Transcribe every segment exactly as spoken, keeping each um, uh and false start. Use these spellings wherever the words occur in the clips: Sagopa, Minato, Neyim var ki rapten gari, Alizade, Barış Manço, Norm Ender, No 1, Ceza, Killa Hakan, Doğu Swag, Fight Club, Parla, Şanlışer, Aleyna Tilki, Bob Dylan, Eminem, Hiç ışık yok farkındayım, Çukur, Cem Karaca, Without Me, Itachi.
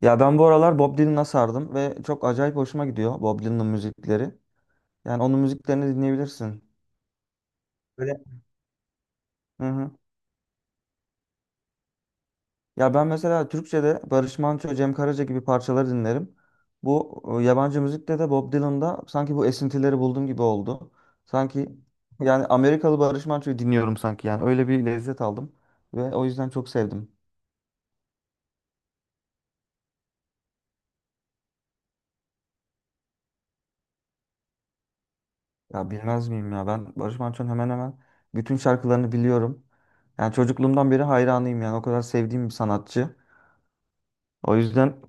Ya ben bu aralar Bob Dylan'a sardım ve çok acayip hoşuma gidiyor Bob Dylan'ın müzikleri. Yani onun müziklerini dinleyebilirsin. Böyle. Hı hı. Ya ben mesela Türkçe'de Barış Manço, Cem Karaca gibi parçaları dinlerim. Bu e, yabancı müzikte de Bob Dylan'da sanki bu esintileri buldum gibi oldu. Sanki yani Amerikalı Barış Manço'yu dinliyorum sanki yani öyle bir lezzet aldım ve o yüzden çok sevdim. Ya bilmez miyim ya ben Barış Manço'nun hemen hemen bütün şarkılarını biliyorum. Yani çocukluğumdan beri hayranıyım yani o kadar sevdiğim bir sanatçı. O yüzden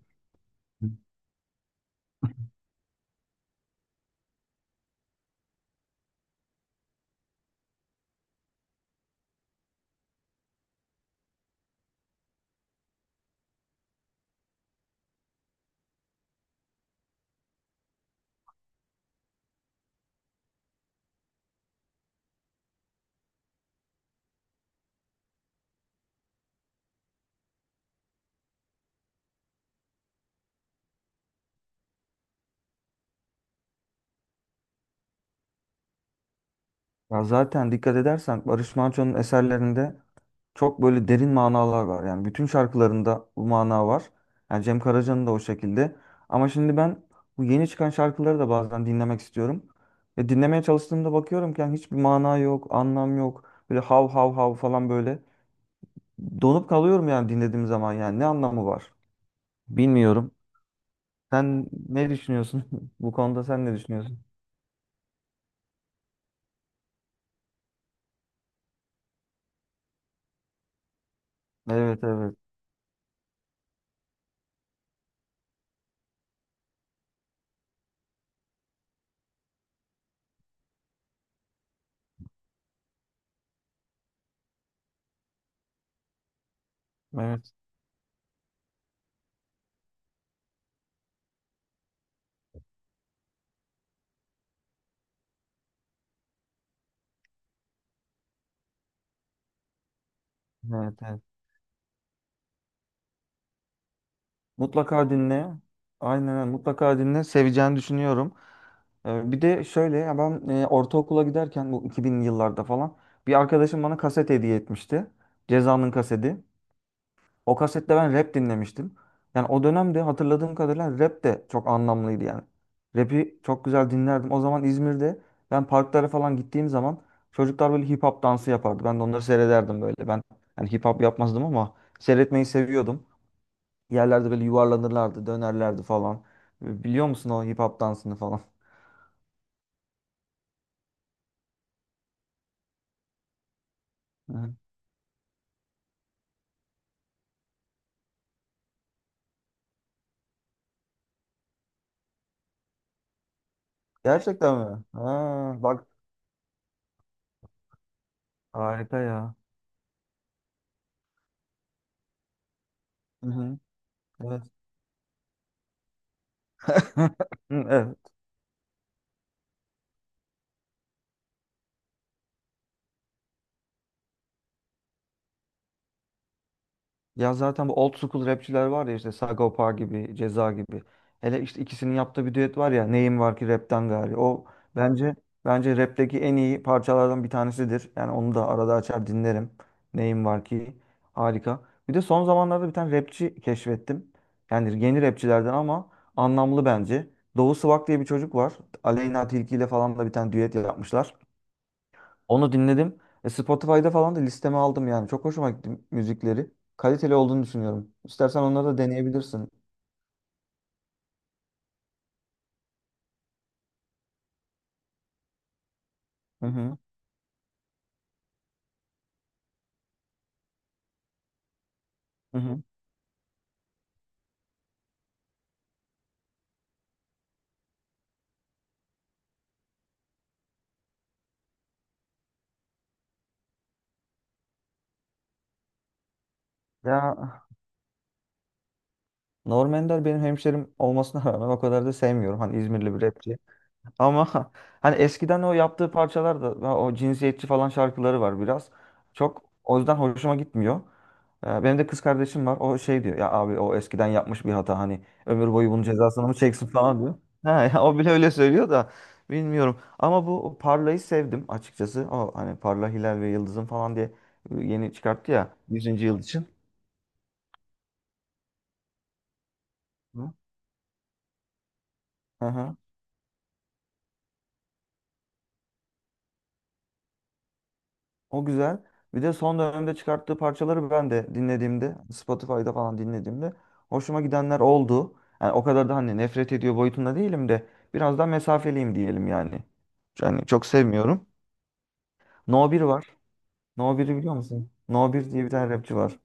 ya zaten dikkat edersen Barış Manço'nun eserlerinde çok böyle derin manalar var. Yani bütün şarkılarında bu mana var. Yani Cem Karaca'nın da o şekilde. Ama şimdi ben bu yeni çıkan şarkıları da bazen dinlemek istiyorum. Ve dinlemeye çalıştığımda bakıyorum ki yani hiçbir mana yok, anlam yok. Böyle hav hav hav falan böyle. Donup kalıyorum yani dinlediğim zaman yani ne anlamı var? Bilmiyorum. Sen ne düşünüyorsun? Bu konuda sen ne düşünüyorsun? Evet, evet. Evet, evet, evet. Mutlaka dinle. Aynen öyle. Mutlaka dinle. Seveceğini düşünüyorum. Ee, bir de şöyle ya ben e, ortaokula giderken bu iki binli yıllarda falan bir arkadaşım bana kaset hediye etmişti. Ceza'nın kaseti. O kasette ben rap dinlemiştim. Yani o dönemde hatırladığım kadarıyla rap de çok anlamlıydı yani. Rap'i çok güzel dinlerdim. O zaman İzmir'de ben parklara falan gittiğim zaman çocuklar böyle hip hop dansı yapardı. Ben de onları seyrederdim böyle. Ben yani hip hop yapmazdım ama seyretmeyi seviyordum, yerlerde böyle yuvarlanırlardı, dönerlerdi falan. Biliyor musun o hip hop dansını falan? Hı hı. Gerçekten mi? Ha, bak harika ya. Hı hı. Evet. Evet. Ya zaten bu old school rapçiler var ya işte Sagopa gibi, Ceza gibi. Hele işte ikisinin yaptığı bir düet var ya, Neyim var ki rapten gari. O bence bence rapteki en iyi parçalardan bir tanesidir. Yani onu da arada açar dinlerim. Neyim var ki, harika. Bir de son zamanlarda bir tane rapçi keşfettim. Yani yeni rapçilerden ama anlamlı bence. Doğu Swag diye bir çocuk var. Aleyna Tilki ile falan da bir tane düet yapmışlar. Onu dinledim. E, Spotify'da falan da listeme aldım yani. Çok hoşuma gitti müzikleri. Kaliteli olduğunu düşünüyorum. İstersen onları da deneyebilirsin. Hı hı. Hı hı. Ya Norm Ender benim hemşerim olmasına rağmen o kadar da sevmiyorum. Hani İzmirli bir rapçi. Ama hani eskiden o yaptığı parçalar da daha o cinsiyetçi falan şarkıları var biraz. Çok o yüzden hoşuma gitmiyor. Ee, Benim de kız kardeşim var. O şey diyor ya, abi o eskiden yapmış bir hata hani ömür boyu bunun cezasını mı çeksin falan diyor. Ha, ya o bile öyle söylüyor da bilmiyorum. Ama bu Parla'yı sevdim açıkçası. O hani Parla, Hilal ve Yıldız'ın falan diye e, yeni çıkarttı ya yüzüncü yıl için. Hı? O güzel. Bir de son dönemde çıkarttığı parçaları ben de dinlediğimde, Spotify'da falan dinlediğimde hoşuma gidenler oldu. Yani o kadar da hani nefret ediyor boyutunda değilim de biraz daha mesafeliyim diyelim yani. Yani çok sevmiyorum. No bir var. No biri biliyor musun? No bir diye bir tane rapçi var.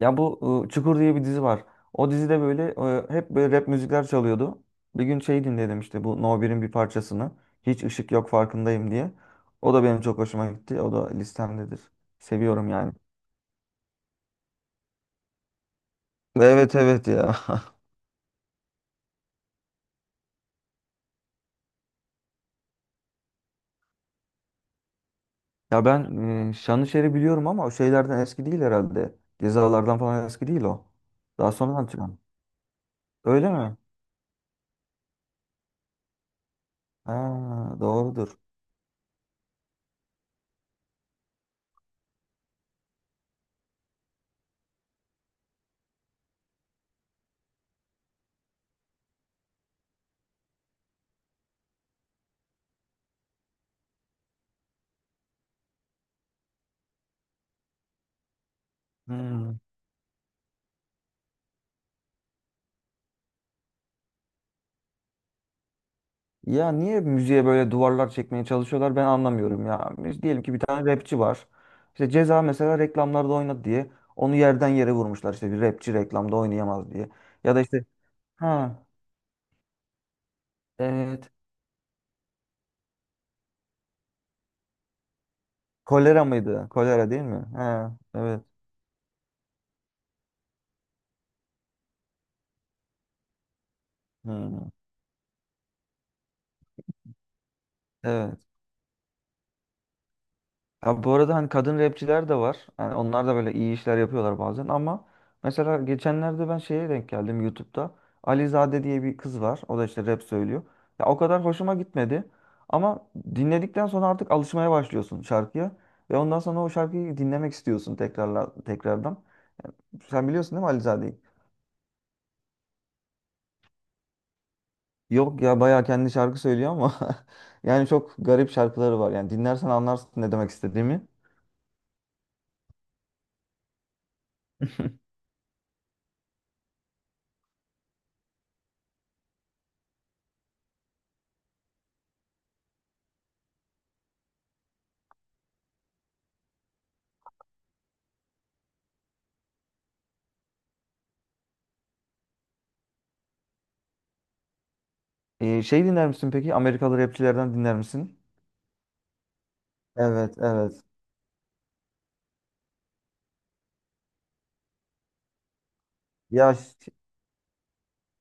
Ya bu ıı, Çukur diye bir dizi var. O dizide böyle ıı, hep böyle rap müzikler çalıyordu. Bir gün şey dinledim, işte bu No birin bir parçasını. Hiç ışık yok farkındayım diye. O da benim çok hoşuma gitti. O da listemdedir. Seviyorum yani. Evet evet ya. Ya ben e, Şanlışer'i biliyorum ama o şeylerden eski değil herhalde. Cezalardan falan eski değil o. Daha sonradan çıkan. Öyle mi? Ha, doğrudur. Hmm. Ya niye müziğe böyle duvarlar çekmeye çalışıyorlar ben anlamıyorum ya. Biz diyelim ki bir tane rapçi var. İşte Ceza mesela reklamlarda oynadı diye onu yerden yere vurmuşlar, işte bir rapçi reklamda oynayamaz diye. Ya da işte, ha evet, kolera mıydı? Kolera değil mi? Ha evet. Hmm. Evet. Abi bu arada hani kadın rapçiler de var, yani onlar da böyle iyi işler yapıyorlar bazen ama mesela geçenlerde ben şeye denk geldim, YouTube'da. Alizade diye bir kız var. O da işte rap söylüyor. Ya o kadar hoşuma gitmedi. Ama dinledikten sonra artık alışmaya başlıyorsun şarkıya. Ve ondan sonra o şarkıyı dinlemek istiyorsun tekrarla, tekrardan. Sen biliyorsun değil mi Alizade'yi? Yok ya bayağı kendi şarkı söylüyor ama yani çok garip şarkıları var. Yani dinlersen anlarsın ne demek istediğimi. Ee, şey dinler misin peki? Amerikalı rapçilerden dinler misin? Evet, evet. Ya ş-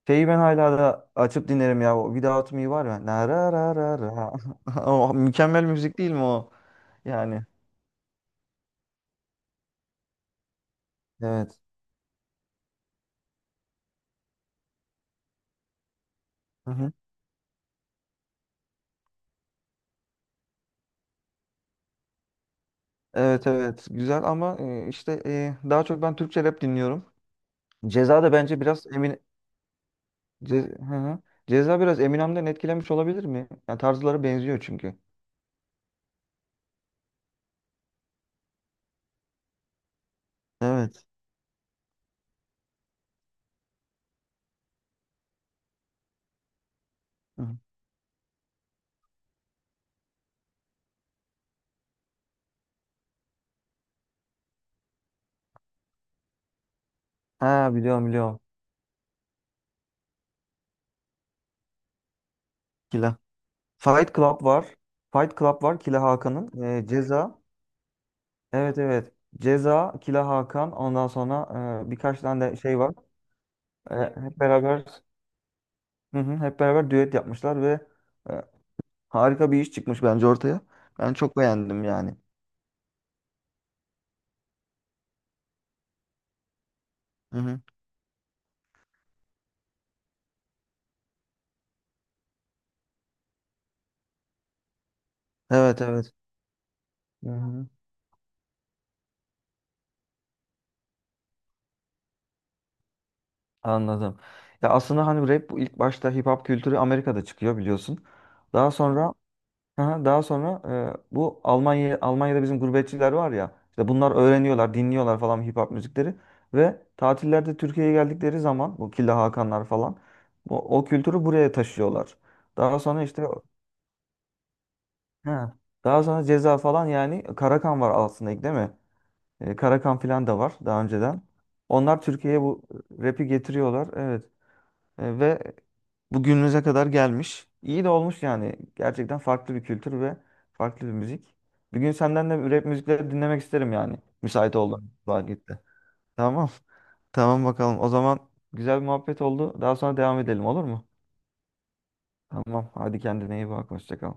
Şeyi ben hala da açıp dinlerim ya. O Without Me var ya. Na ra ra ra ra. O mükemmel müzik değil mi o? Yani evet. Hı hı. Evet evet güzel ama e, işte e, daha çok ben Türkçe rap dinliyorum. Ceza da bence biraz Emin Ce- Hı hı. Ceza biraz Eminem'den etkilenmiş olabilir mi? Yani tarzları benziyor çünkü. Evet. Hı. Ha, biliyorum biliyorum. Killa. Fight Club var. Fight Club var, Killa Hakan'ın. E, Ceza. Evet evet. Ceza, Kila Hakan. Ondan sonra e, birkaç tane de şey var. E, hep beraber, hı hı, hep beraber düet yapmışlar ve e, harika bir iş çıkmış bence ortaya. Ben çok beğendim yani. Hı hı. Evet evet. Hı hı. Anladım. Ya aslında hani rap bu ilk başta hip hop kültürü Amerika'da çıkıyor biliyorsun. Daha sonra, aha, daha sonra e, bu Almanya Almanya'da bizim gurbetçiler var ya, işte bunlar öğreniyorlar, dinliyorlar falan hip hop müzikleri ve tatillerde Türkiye'ye geldikleri zaman bu Killa Hakanlar falan bu, o kültürü buraya taşıyorlar. Daha sonra işte, he, daha sonra Ceza falan, yani Karakan var aslında ilk değil mi? E, Karakan falan da var daha önceden. Onlar Türkiye'ye bu rap'i getiriyorlar. Evet. E, ve bugünümüze kadar gelmiş. İyi de olmuş yani. Gerçekten farklı bir kültür ve farklı bir müzik. Bir gün senden de rap müzikleri dinlemek isterim yani. Müsait olduğun vakitte. Tamam. Tamam bakalım. O zaman güzel bir muhabbet oldu. Daha sonra devam edelim olur mu? Tamam. Hadi kendine iyi bak. Hoşça kal.